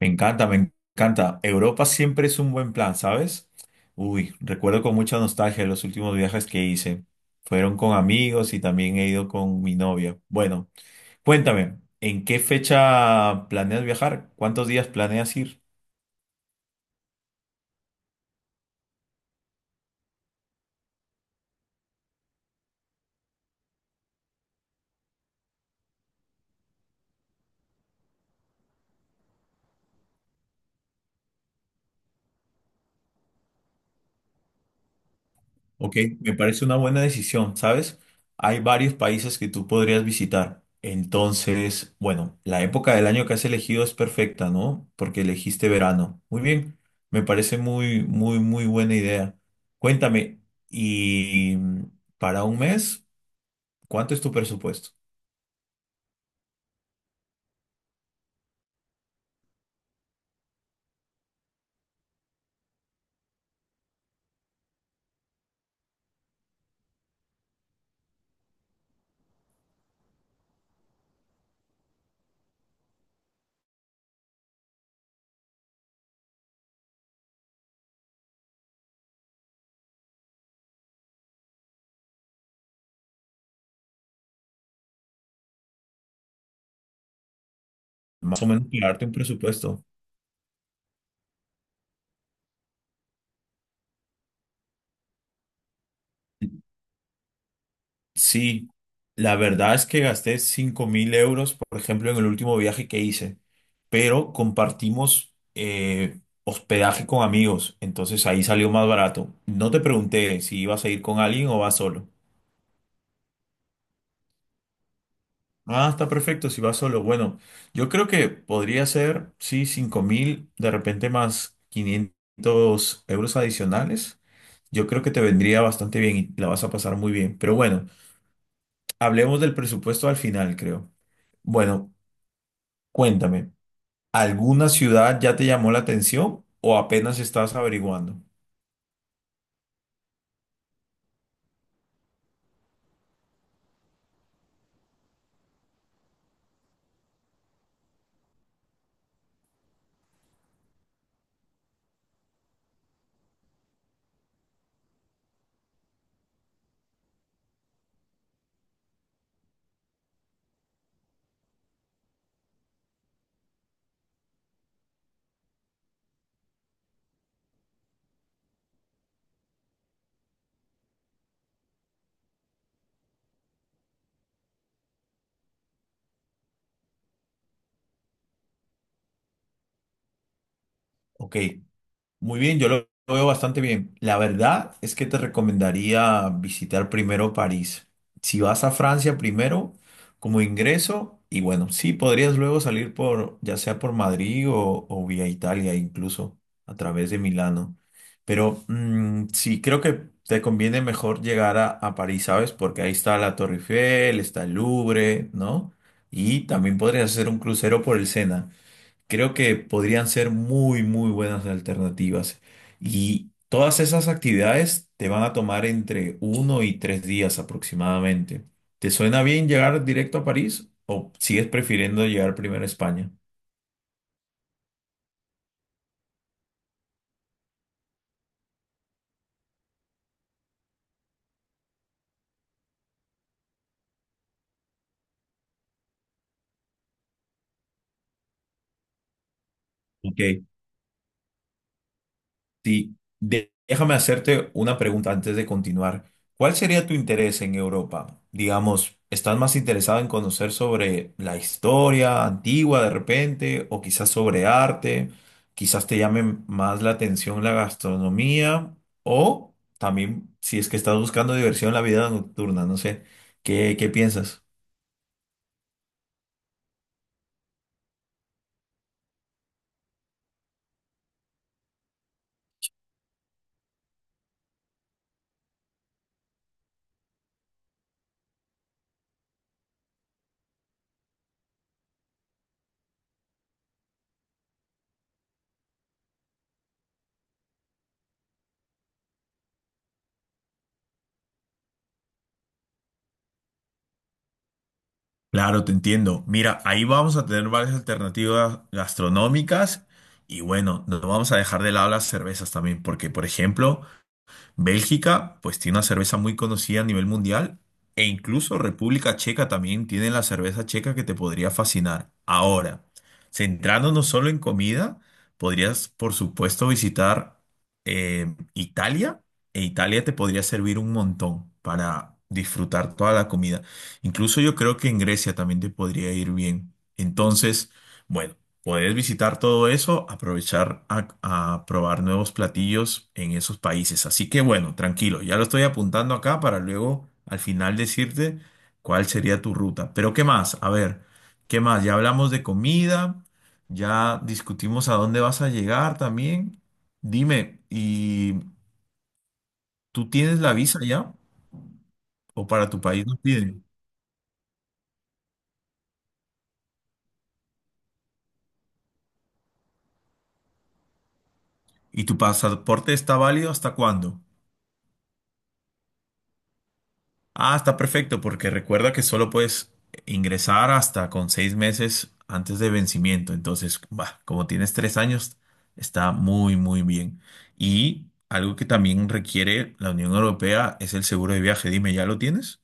Me encanta, me encanta. Europa siempre es un buen plan, ¿sabes? Uy, recuerdo con mucha nostalgia los últimos viajes que hice. Fueron con amigos y también he ido con mi novia. Bueno, cuéntame, ¿en qué fecha planeas viajar? ¿Cuántos días planeas ir? Ok, me parece una buena decisión, ¿sabes? Hay varios países que tú podrías visitar. Entonces, bueno, la época del año que has elegido es perfecta, ¿no? Porque elegiste verano. Muy bien, me parece muy, muy, muy buena idea. Cuéntame, ¿y para un mes, cuánto es tu presupuesto? Más o menos, para darte un presupuesto. Sí, la verdad es que gasté 5.000 euros, por ejemplo, en el último viaje que hice, pero compartimos hospedaje con amigos, entonces ahí salió más barato. No te pregunté si ibas a ir con alguien o vas solo. Ah, está perfecto, si vas solo. Bueno, yo creo que podría ser, sí, 5.000, de repente más 500 euros adicionales. Yo creo que te vendría bastante bien y la vas a pasar muy bien. Pero bueno, hablemos del presupuesto al final, creo. Bueno, cuéntame, ¿alguna ciudad ya te llamó la atención o apenas estás averiguando? Ok, muy bien, yo lo veo bastante bien. La verdad es que te recomendaría visitar primero París. Si vas a Francia primero como ingreso, y bueno, sí, podrías luego salir por, ya sea por Madrid o vía Italia, incluso a través de Milano. Pero sí, creo que te conviene mejor llegar a París, ¿sabes? Porque ahí está la Torre Eiffel, está el Louvre, ¿no? Y también podrías hacer un crucero por el Sena. Creo que podrían ser muy, muy buenas alternativas. Y todas esas actividades te van a tomar entre uno y tres días aproximadamente. ¿Te suena bien llegar directo a París o sigues prefiriendo llegar primero a España? Ok. Sí, déjame hacerte una pregunta antes de continuar. ¿Cuál sería tu interés en Europa? Digamos, ¿estás más interesado en conocer sobre la historia antigua de repente o quizás sobre arte? Quizás te llame más la atención la gastronomía o también si es que estás buscando diversión en la vida nocturna, no sé. ¿Qué, qué piensas? Claro, te entiendo. Mira, ahí vamos a tener varias alternativas gastronómicas y bueno, no vamos a dejar de lado las cervezas también, porque por ejemplo, Bélgica, pues tiene una cerveza muy conocida a nivel mundial. E incluso República Checa también tiene la cerveza checa que te podría fascinar. Ahora, centrándonos solo en comida, podrías, por supuesto, visitar Italia. E Italia te podría servir un montón para disfrutar toda la comida. Incluso yo creo que en Grecia también te podría ir bien. Entonces, bueno. Puedes visitar todo eso, aprovechar a probar nuevos platillos en esos países. Así que bueno, tranquilo, ya lo estoy apuntando acá para luego al final decirte cuál sería tu ruta. Pero ¿qué más? A ver, ¿qué más? Ya hablamos de comida, ya discutimos a dónde vas a llegar también. Dime, ¿y tú tienes la visa ya? ¿O para tu país nos piden? ¿Y tu pasaporte está válido hasta cuándo? Ah, está perfecto, porque recuerda que solo puedes ingresar hasta con 6 meses antes de vencimiento. Entonces, bah, como tienes 3 años, está muy, muy bien. Y algo que también requiere la Unión Europea es el seguro de viaje. Dime, ¿ya lo tienes?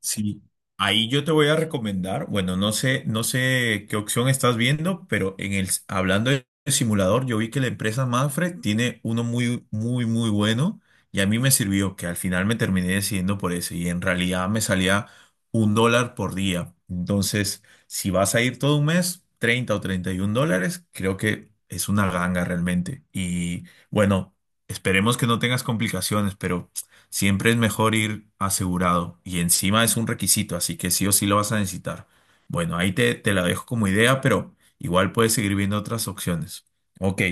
Sí, ahí yo te voy a recomendar, bueno, no sé, no sé qué opción estás viendo, pero en el, hablando de simulador, yo vi que la empresa Manfred tiene uno muy, muy, muy bueno y a mí me sirvió, que al final me terminé decidiendo por ese y en realidad me salía un dólar por día. Entonces, si vas a ir todo un mes, 30 o $31, creo que es una ganga realmente. Y bueno, esperemos que no tengas complicaciones, pero... Siempre es mejor ir asegurado y encima es un requisito, así que sí o sí lo vas a necesitar. Bueno, ahí te la dejo como idea, pero igual puedes seguir viendo otras opciones. Ok,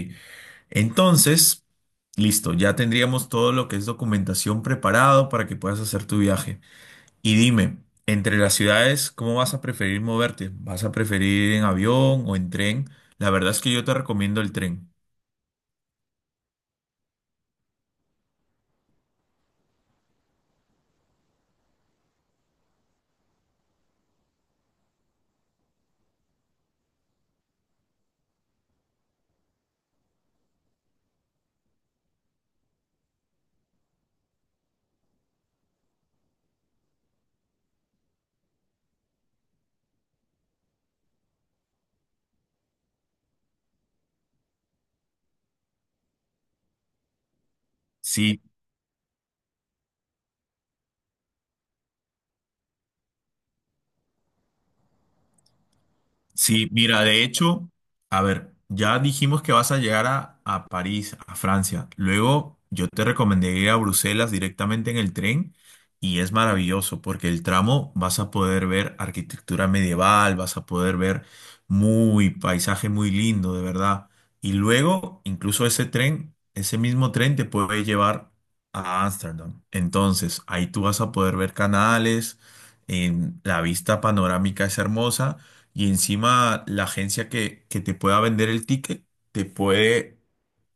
entonces, listo, ya tendríamos todo lo que es documentación preparado para que puedas hacer tu viaje. Y dime, entre las ciudades, ¿cómo vas a preferir moverte? ¿Vas a preferir ir en avión o en tren? La verdad es que yo te recomiendo el tren. Sí, sí, mira, de hecho, a ver, ya dijimos que vas a llegar a París, a Francia. Luego yo te recomendé ir a Bruselas directamente en el tren y es maravilloso porque el tramo vas a poder ver arquitectura medieval, vas a poder ver muy paisaje muy lindo, de verdad. Y luego, incluso ese tren, ese mismo tren te puede llevar a Ámsterdam. Entonces, ahí tú vas a poder ver canales, en la vista panorámica es hermosa. Y encima la agencia que te pueda vender el ticket te puede,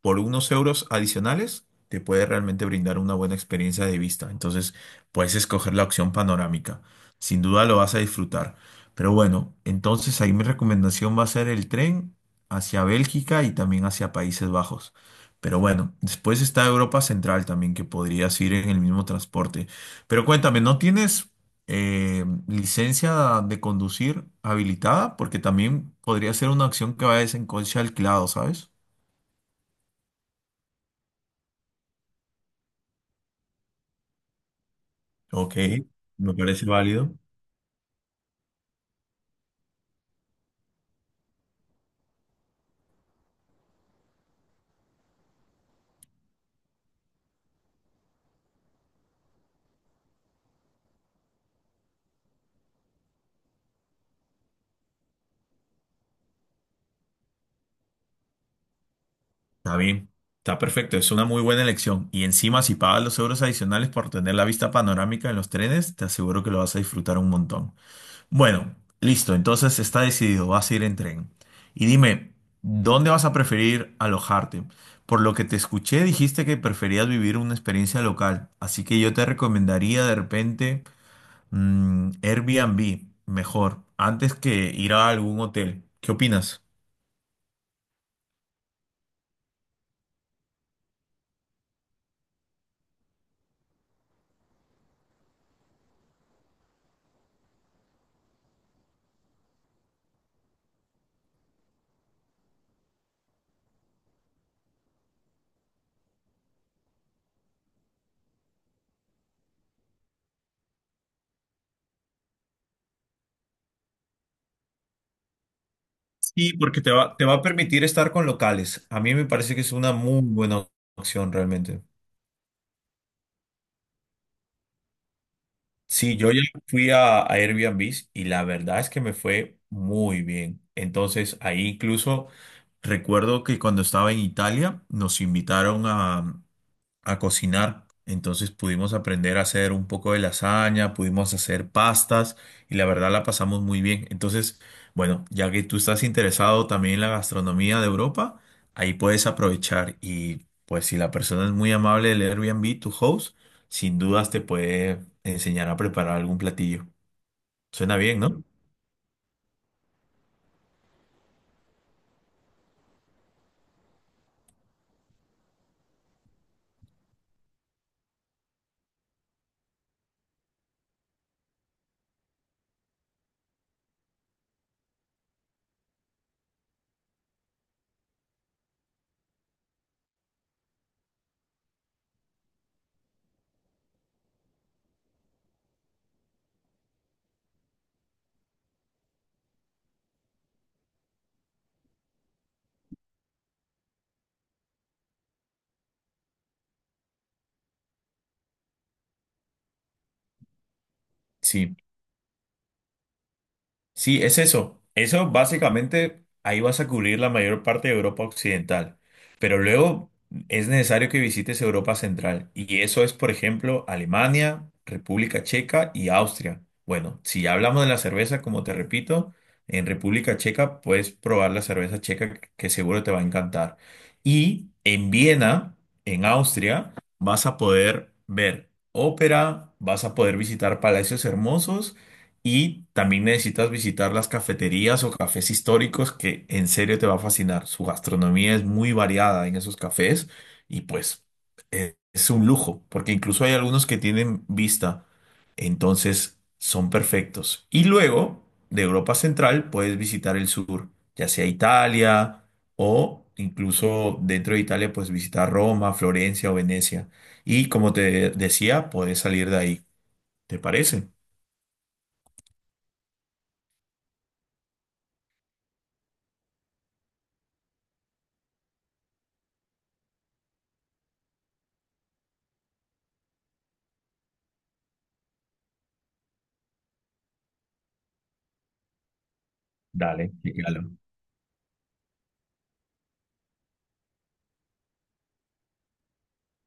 por unos euros adicionales, te puede realmente brindar una buena experiencia de vista. Entonces puedes escoger la opción panorámica. Sin duda lo vas a disfrutar. Pero bueno, entonces ahí mi recomendación va a ser el tren hacia Bélgica y también hacia Países Bajos. Pero bueno, después está Europa Central también, que podrías ir en el mismo transporte. Pero cuéntame, ¿no tienes licencia de conducir habilitada, porque también podría ser una acción que vaya en coche alquilado, ¿sabes? Ok, me parece válido. Está bien, está perfecto, es una muy buena elección. Y encima, si pagas los euros adicionales por tener la vista panorámica en los trenes, te aseguro que lo vas a disfrutar un montón. Bueno, listo, entonces está decidido, vas a ir en tren. Y dime, ¿dónde vas a preferir alojarte? Por lo que te escuché, dijiste que preferías vivir una experiencia local, así que yo te recomendaría de repente Airbnb, mejor, antes que ir a algún hotel. ¿Qué opinas? Sí, porque te va a permitir estar con locales. A mí me parece que es una muy buena opción realmente. Sí, yo ya fui a Airbnb y la verdad es que me fue muy bien. Entonces, ahí incluso recuerdo que cuando estaba en Italia nos invitaron a cocinar. Entonces pudimos aprender a hacer un poco de lasaña, pudimos hacer pastas y la verdad la pasamos muy bien. Entonces, bueno, ya que tú estás interesado también en la gastronomía de Europa, ahí puedes aprovechar y pues si la persona es muy amable del Airbnb, tu host, sin dudas te puede enseñar a preparar algún platillo. Suena bien, ¿no? Sí. Sí, es eso. Eso básicamente ahí vas a cubrir la mayor parte de Europa Occidental. Pero luego es necesario que visites Europa Central. Y eso es, por ejemplo, Alemania, República Checa y Austria. Bueno, si ya hablamos de la cerveza, como te repito, en República Checa puedes probar la cerveza checa que seguro te va a encantar. Y en Viena, en Austria, vas a poder ver ópera, vas a poder visitar palacios hermosos y también necesitas visitar las cafeterías o cafés históricos que en serio te va a fascinar. Su gastronomía es muy variada en esos cafés y pues es un lujo, porque incluso hay algunos que tienen vista, entonces son perfectos. Y luego, de Europa Central, puedes visitar el sur, ya sea Italia o incluso dentro de Italia, pues visitar Roma, Florencia o Venecia. Y como te decía, puedes salir de ahí. ¿Te parece? Dale, sí, claro.